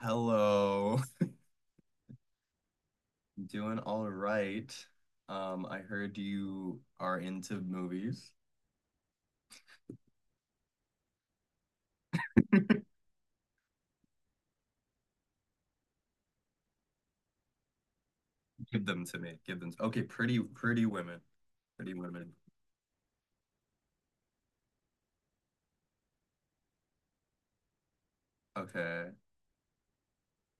Hello. Doing all right. I heard you are into movies. Give them to me. Give them. To- Okay, pretty women. Pretty women. Okay.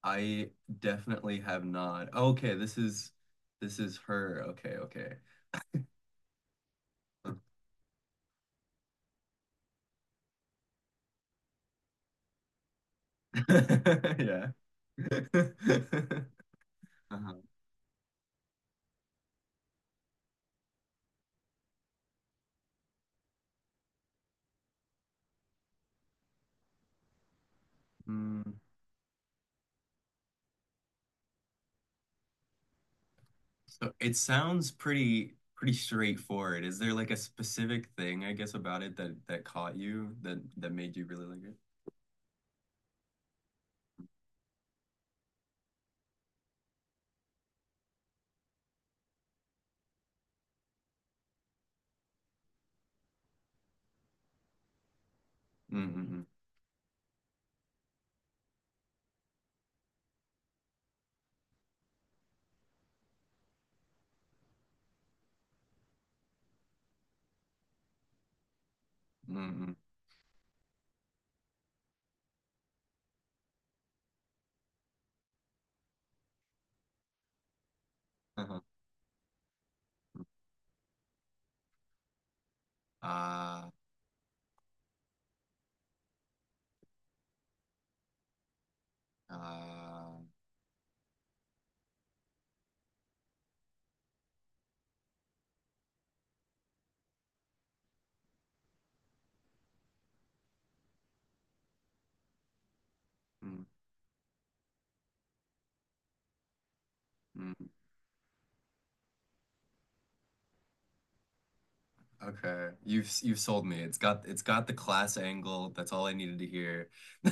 I definitely have not. Okay, this is her. Okay, okay. Yeah. Uh-huh. Mm. So it sounds pretty straightforward. Is there like a specific thing, I guess, about it that caught you that made you really like it? Mm-mm-mm. Mm. Uh-huh. Ah, ah, mm, mm. Okay. You've sold me. It's got the class angle. That's all I needed to hear.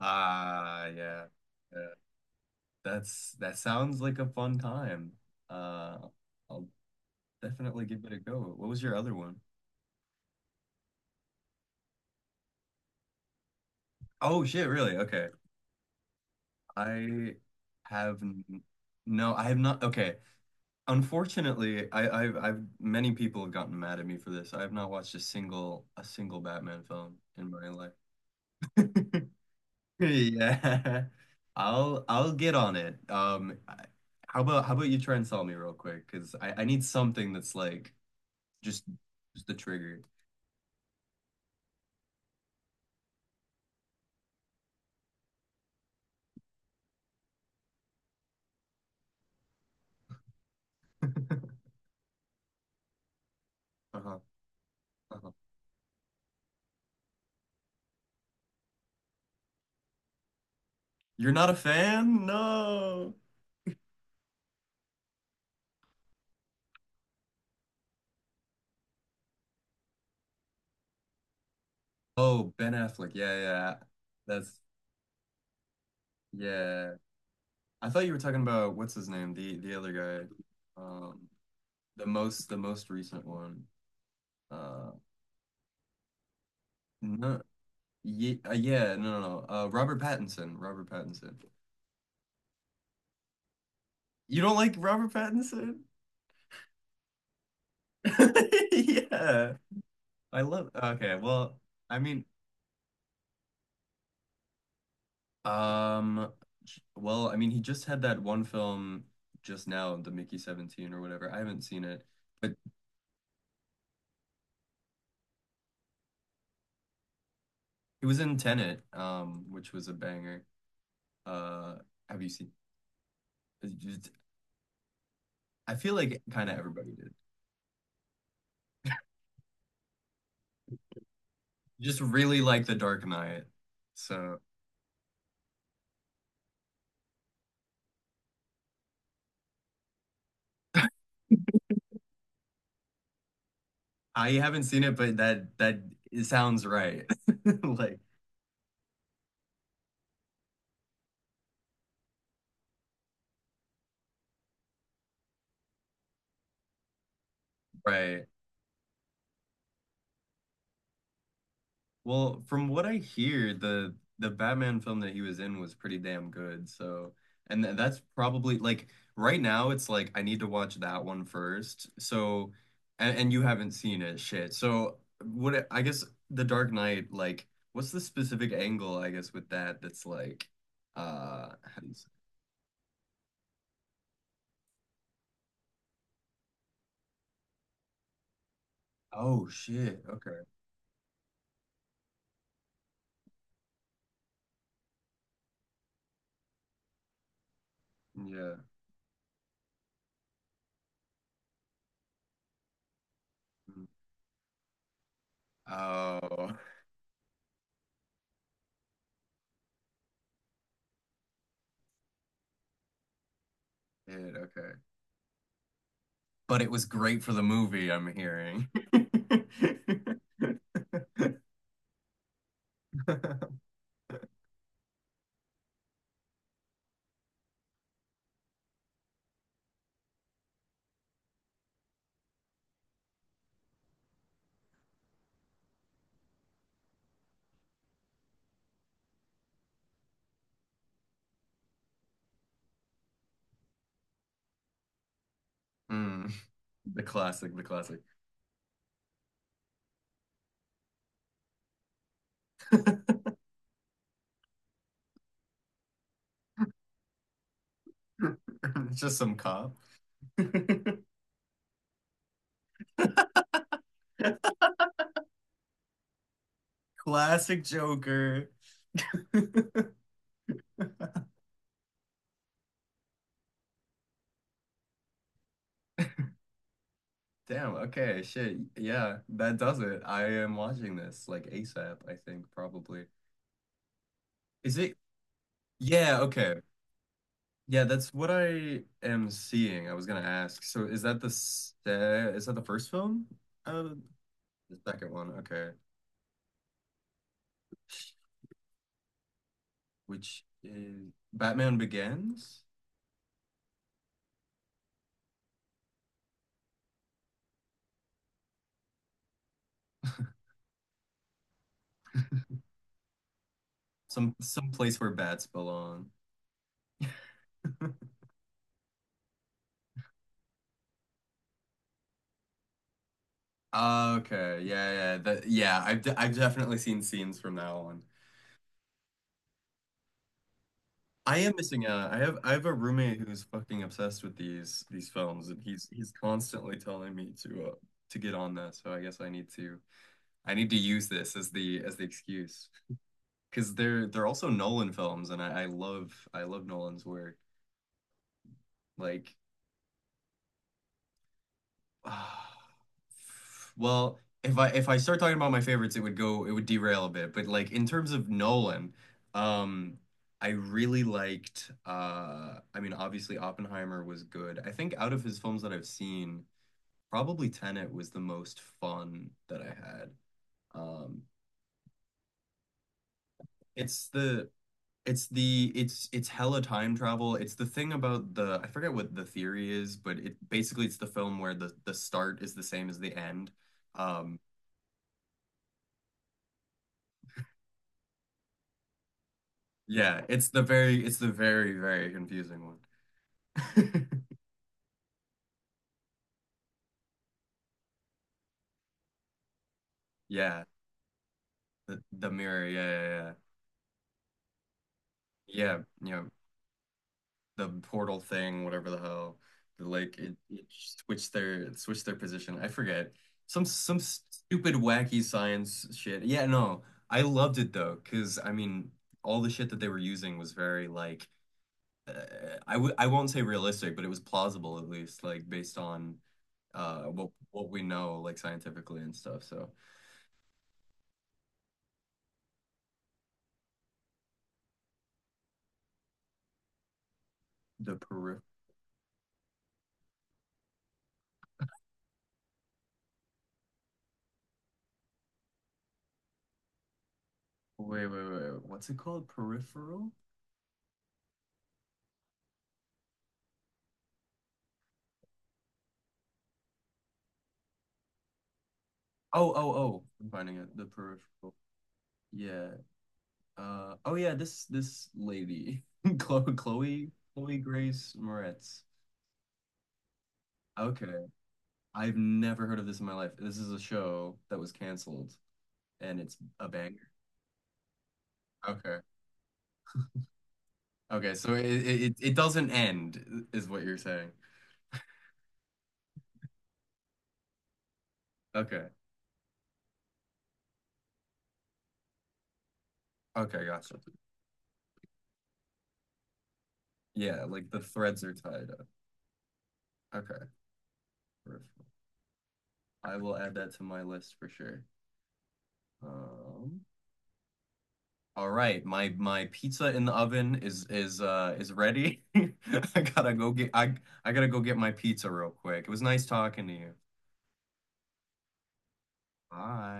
Ah, yeah. Yeah. That's that sounds like a fun time. Uh, I'll definitely give it a go. What was your other one? Oh shit, really? Okay. I have n- no, I have not. Okay. Unfortunately, I've many people have gotten mad at me for this. I have not watched a single Batman film in my life. Yeah. I'll get on it. How about you try and sell me real quick? Because I need something that's like just just the trigger. Uh-huh. Uh-huh. You're not a fan? No. Oh, Ben Affleck. Yeah, yeah. That's yeah. I thought you were talking about what's his name, the other guy, the most recent one. Uh, no, yeah, yeah, no, no, no. Robert Pattinson, Robert Pattinson. You don't like Robert Pattinson? Yeah, I love. Okay, I mean, um, well, I mean, he just had that one film just now, the Mickey 17 or whatever. I haven't seen it, but he was in Tenet, which was a banger. Uh, have you seen? I feel like kind of everybody did. Just really like The Dark Knight. So I haven't seen it, but that it sounds right. Like, right. Well, from what I hear, the Batman film that he was in was pretty damn good. So, and th that's probably like right now it's like I need to watch that one first. So, and you haven't seen it, shit. So, what I guess The Dark Knight, like, what's the specific angle, I guess, with that that's like uh Oh shit. Okay. Yeah. Mm. Oh, shit. Okay. But it was great for the movie, I'm hearing. Mm. The classic, the classic. It's just some cop. Classic Joker. Damn, okay, shit. Yeah, that does it. I am watching this like ASAP, I think, probably. Is it? Yeah, okay. Yeah, that's what I am seeing. I was gonna ask. So is that is that the first film? uh, The second one, okay. Which is Batman Begins? Some place where bats belong. Okay, yeah, yeah, that, yeah. I've definitely seen scenes from that one. I am missing out. I have a roommate who's fucking obsessed with these films, and he's constantly telling me to get on that. So I guess I need to use this as the excuse because they're also Nolan films, and I love Nolan's work. Like Well, if I start talking about my favorites, it would derail a bit. But like in terms of Nolan, um, I really liked I mean obviously Oppenheimer was good. I think out of his films that I've seen, probably Tenet was the most fun that I had. Um, it's the it's hella time travel. It's the thing about the I forget what the theory is, but it basically it's the film where the start is the same as the end. Um, Yeah, it's the very very confusing one. Yeah, the mirror. Yeah, yeah, yeah. Yeah, you know, the portal thing, whatever the hell. Like it switched their position. I forget. Some stupid wacky science shit. Yeah, no. I loved it though, cause I mean, all the shit that they were using was very like uh, I won't say realistic, but it was plausible at least, like based on what we know like scientifically and stuff. So the peripheral. Wait, wait, wait, wait. What's it called? Peripheral? Oh, oh, oh. I'm finding it. The peripheral. Yeah. Oh, yeah. This lady, Chloe Grace Moretz. Okay. I've never heard of this in my life. This is a show that was canceled, and it's a banger. Okay. Okay. So it doesn't end, is what you're saying. Okay. Okay. Gotcha. Yeah. Like the threads are tied up. Okay. Peripheral. I will add that to my list for sure. Um, all right, my pizza in the oven is ready. I gotta go get my pizza real quick. It was nice talking to you. Bye.